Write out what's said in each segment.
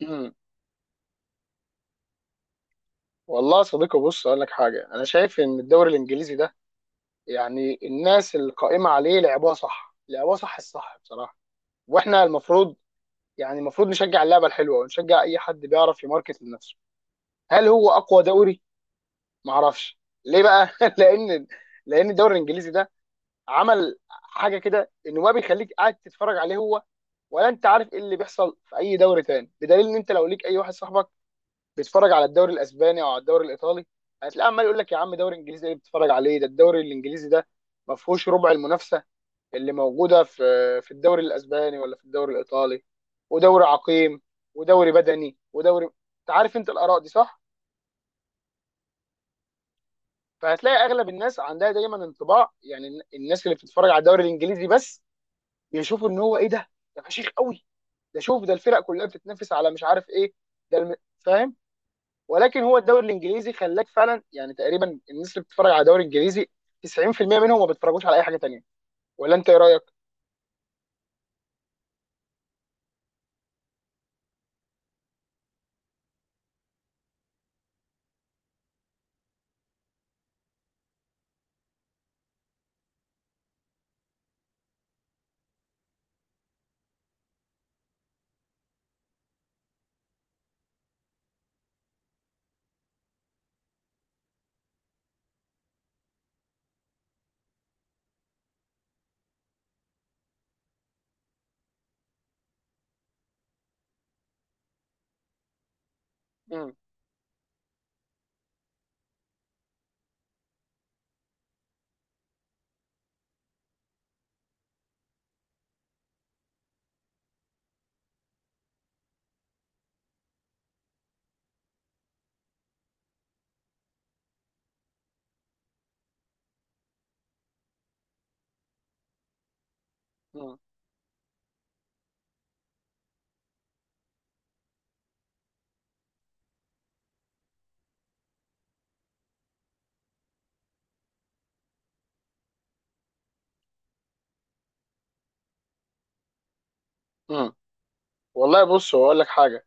مم. والله يا صديقي بص اقول لك حاجه انا شايف ان الدوري الانجليزي ده يعني الناس القائمه عليه لعبوها صح لعبوها صح الصح بصراحه واحنا المفروض يعني المفروض نشجع اللعبه الحلوه ونشجع اي حد بيعرف يماركت لنفسه. هل هو اقوى دوري؟ ما اعرفش ليه بقى لان لان الدوري الانجليزي ده عمل حاجه كده انه ما بيخليك قاعد تتفرج عليه هو ولا انت عارف ايه اللي بيحصل في اي دوري تاني، بدليل ان انت لو ليك اي واحد صاحبك بيتفرج على الدوري الاسباني او على الدوري الايطالي هتلاقيه عمال يقول لك يا عم دوري انجليزي ايه بتتفرج عليه، ده الدوري الانجليزي ده ما فيهوش ربع المنافسه اللي موجوده في الدوري الاسباني ولا في الدوري الايطالي، ودوري عقيم ودوري بدني ودوري انت عارف، انت الاراء دي صح. فهتلاقي اغلب الناس عندها دايما انطباع، يعني الناس اللي بتتفرج على الدوري الانجليزي بس بيشوفوا ان هو ايه ده فشيخ قوي، ده شوف ده الفرق كلها بتتنافس على مش عارف ايه، فاهم؟ ولكن هو الدوري الانجليزي خلاك فعلا يعني تقريبا الناس اللي بتتفرج على الدوري الانجليزي 90% منهم ما بيتفرجوش على اي حاجه تانيه. ولا انت ايه رايك؟ مم. مم. مم. والله بص هو اقول لك حاجه،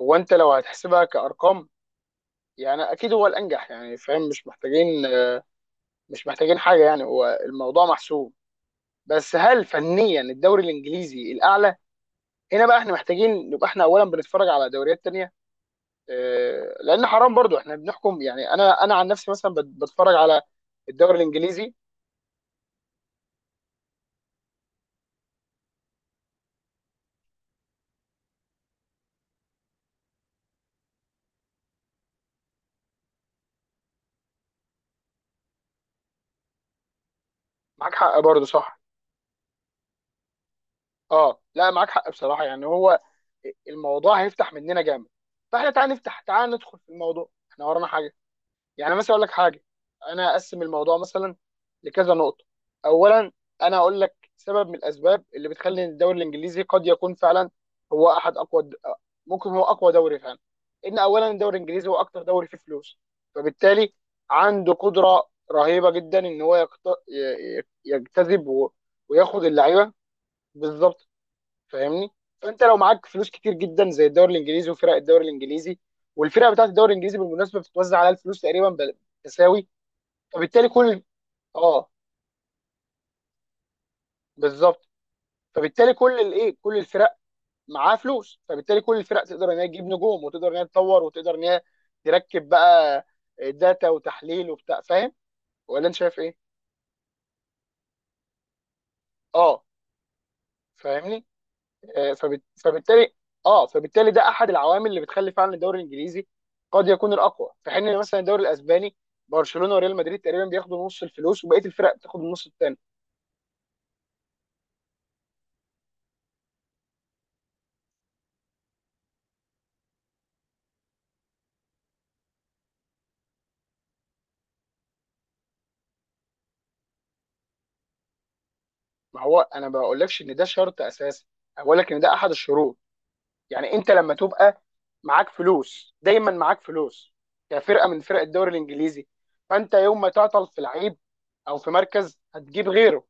هو انت لو هتحسبها كارقام يعني اكيد هو الانجح يعني فاهم، مش محتاجين مش محتاجين حاجه يعني هو الموضوع محسوم. بس هل فنيا الدوري الانجليزي الاعلى؟ هنا بقى احنا محتاجين نبقى احنا اولا بنتفرج على دوريات تانيه، لان حرام برضو احنا بنحكم، يعني انا عن نفسي مثلا بتفرج على الدوري الانجليزي. معاك حق برضه، صح. اه لا معاك حق بصراحه، يعني هو الموضوع هيفتح مننا جامد فاحنا تعال نفتح، تعال ندخل في الموضوع احنا ورانا حاجه. يعني مثلا اقول لك حاجه، انا اقسم الموضوع مثلا لكذا نقطه. اولا انا اقول لك سبب من الاسباب اللي بتخلي الدوري الانجليزي قد يكون فعلا هو احد اقوى ممكن هو اقوى دوري فعلا، ان اولا الدوري الانجليزي هو اكتر دوري فيه فلوس، فبالتالي عنده قدره رهيبه جدا ان هو يجتذب وياخد اللعيبه، بالظبط. فاهمني؟ فانت لو معاك فلوس كتير جدا زي الدوري الانجليزي وفرق الدوري الانجليزي، والفرق بتاعت الدوري الانجليزي بالمناسبه بتتوزع على الفلوس تقريبا تساوي، فبالتالي كل اه بالظبط. فبالتالي كل كل الفرق معاها فلوس، فبالتالي كل الفرق تقدر ان هي تجيب نجوم وتقدر ان هي تطور وتقدر ان هي تركب بقى داتا وتحليل وبتاع، فاهم؟ ولا انت شايف ايه؟ اه. فاهمني؟ فبالتالي اه فبالتالي ده احد العوامل اللي بتخلي فعلا الدوري الانجليزي قد يكون الاقوى، في حين إن مثلا الدوري الاسباني برشلونه وريال مدريد تقريبا بياخدوا نص الفلوس وبقيه الفرق بتاخد النص الثاني. ما هو انا ما بقولكش ان ده شرط اساسي، أنا بقول لك ان ده احد الشروط. يعني انت لما تبقى معاك فلوس دايما، معاك فلوس كفرقه من فرق الدوري الانجليزي، فانت يوم ما تعطل في لعيب او في مركز هتجيب غيره،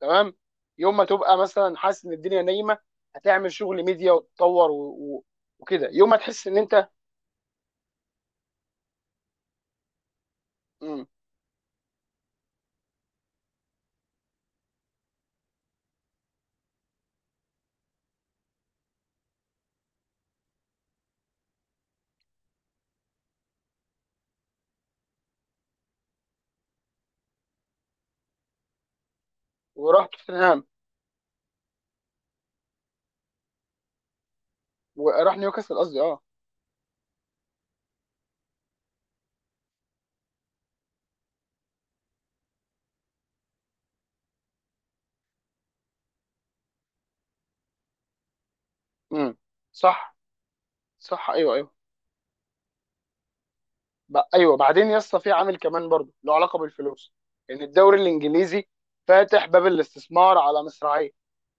تمام. يوم ما تبقى مثلا حاسس ان الدنيا نايمه هتعمل شغل ميديا وتطور وكده. يوم ما تحس ان انت مم. وراح توتنهام، وراح نيوكاسل قصدي اه. مم. صح. صح، ايوه ايوه. ايوه بعدين يا اسطى في عامل كمان برضه له علاقه بالفلوس، ان الدوري الانجليزي فاتح باب الاستثمار على مصراعيه.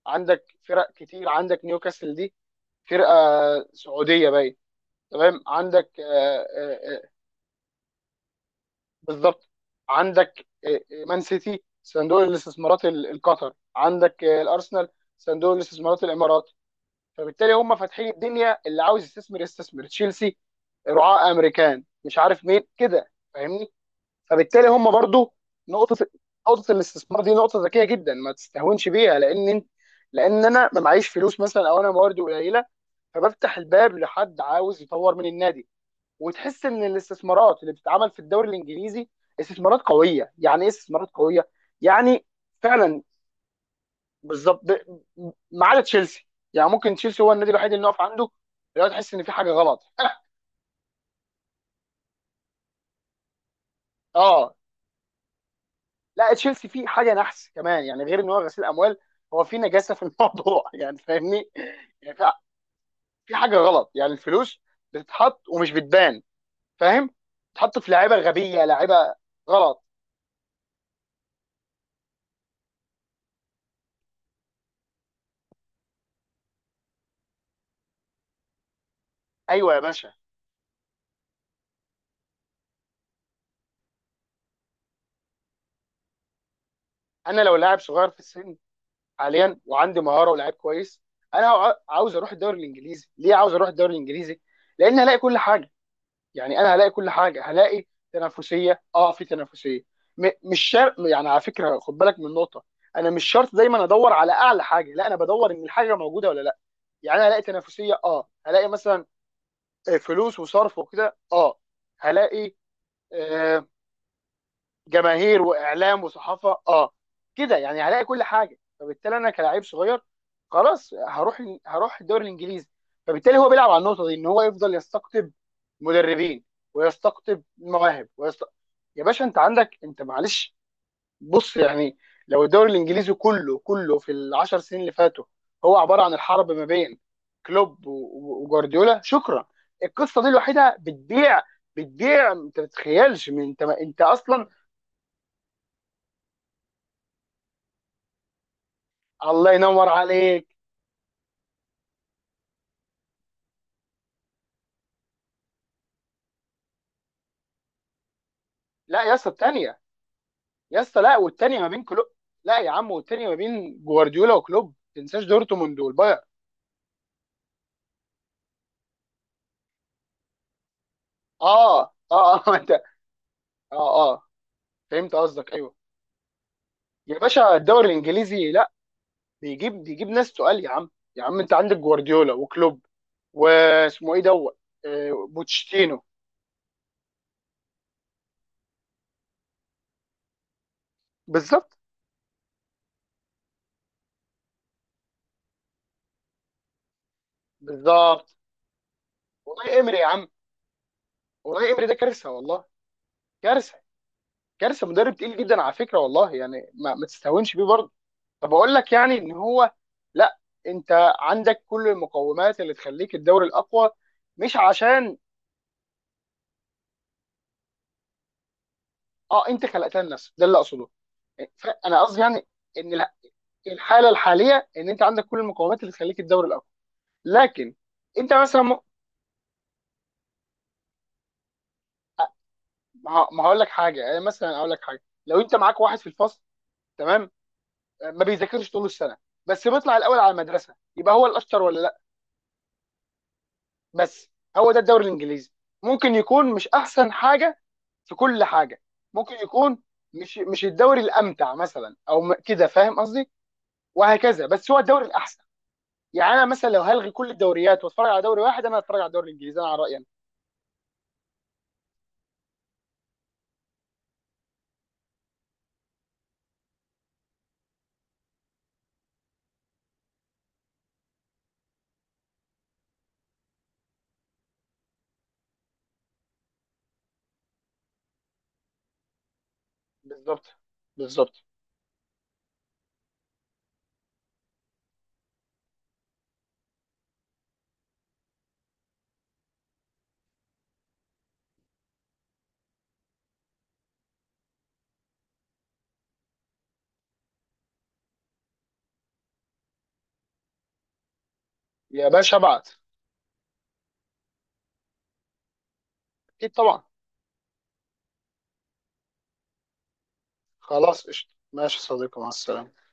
عندك فرق كتير، عندك نيوكاسل دي فرقه سعوديه باين، تمام. عندك آه، آه، بالظبط. عندك مان سيتي صندوق الاستثمارات القطر، عندك الارسنال صندوق الاستثمارات الامارات، فبالتالي هم فاتحين الدنيا اللي عاوز يستثمر يستثمر، تشيلسي رعاة امريكان مش عارف مين كده، فاهمني؟ فبالتالي هم برضو نقطة نقطة الاستثمار دي نقطة ذكية جدا ما تستهونش بيها، لان لان انا ما معيش فلوس مثلا، او انا مواردي قليلة فبفتح الباب لحد عاوز يطور من النادي. وتحس ان الاستثمارات اللي بتتعمل في الدوري الانجليزي استثمارات قويه. يعني ايه استثمارات قويه؟ يعني فعلا، بالظبط. ما عدا تشيلسي يعني، ممكن تشيلسي هو النادي الوحيد اللي نقف عنده لو تحس ان في حاجه غلط اه لا تشيلسي فيه حاجه نحس كمان يعني، غير ان هو غسيل اموال هو في نجاسه في الموضوع يعني فاهمني، يعني في حاجه غلط يعني، الفلوس بتتحط ومش بتبان، فاهم؟ بتتحط في لعيبه غبيه، لعيبه غلط. ايوه يا باشا. انا لو لاعب صغير في السن حاليا وعندي مهاره ولاعيب كويس، انا عاوز اروح الدوري الانجليزي. ليه عاوز اروح الدوري الانجليزي؟ لان هلاقي كل حاجه، يعني انا هلاقي كل حاجه، هلاقي تنافسيه، اه في تنافسيه. مش شرط يعني، على فكره خد بالك من نقطه، انا مش شرط دايما ادور على اعلى حاجه، لا انا بدور ان الحاجه موجوده ولا لا. يعني انا هلاقي تنافسيه، اه هلاقي مثلا فلوس وصرف وكده، اه هلاقي آه، جماهير واعلام وصحافه، اه كده يعني هلاقي كل حاجه، فبالتالي انا كلاعب صغير خلاص هروح، هروح الدوري الانجليزي. فبالتالي هو بيلعب على النقطه دي ان هو يفضل يستقطب مدربين ويستقطب مواهب يا باشا انت عندك، انت معلش بص يعني لو الدوري الانجليزي كله كله في العشر سنين اللي فاتوا هو عباره عن الحرب ما بين كلوب وجوارديولا، شكرا. القصه دي الوحيده بتبيع، بتبيع انت ما تتخيلش. من انت اصلا الله ينور عليك. لا يا اسطى الثانيه، يا اسطى لا والثانيه ما بين كلوب، لا يا عم والثانيه ما بين جوارديولا وكلوب، ما تنساش دورتموند والبايرن. اه اه اه انت اه اه فهمت قصدك، ايوه. يا باشا الدوري الانجليزي لا، بيجيب بيجيب ناس تقال يا عم، يا عم انت عندك جوارديولا وكلوب، واسمه ايه دوت بوتشيتينو. بالظبط، بالظبط. والله امري يا عم، والله امري ده كارثه والله، كارثه. كارثه مدرب تقيل جدا على فكره والله، يعني ما تستهونش بيه برضه. طب اقول لك يعني ان هو لا، انت عندك كل المقومات اللي تخليك الدوري الاقوى، مش عشان اه. انت خلقتها لنفسك، ده اللي اقصده. انا قصدي يعني، ان الحاله الحاليه ان انت عندك كل المقومات اللي تخليك الدوري الاقوى، لكن انت مثلا ما هقول لك حاجه، يعني مثلا اقول لك حاجه لو انت معاك واحد في الفصل، تمام، ما بيذاكرش طول السنه بس بيطلع الاول على المدرسه، يبقى هو الاشطر ولا لا؟ بس هو ده الدوري الانجليزي، ممكن يكون مش احسن حاجه في كل حاجه، ممكن يكون مش الدوري الامتع مثلا، او كده فاهم قصدي، وهكذا، بس هو الدوري الاحسن. يعني انا مثلا لو هلغي كل الدوريات واتفرج على دوري واحد انا هتفرج على الدوري الانجليزي، انا على رايي أنا. بالظبط، بالظبط. يا باشا ابعت. اكيد طبعا. خلاص قشطه، ماشي يا صديقي مع السلامه.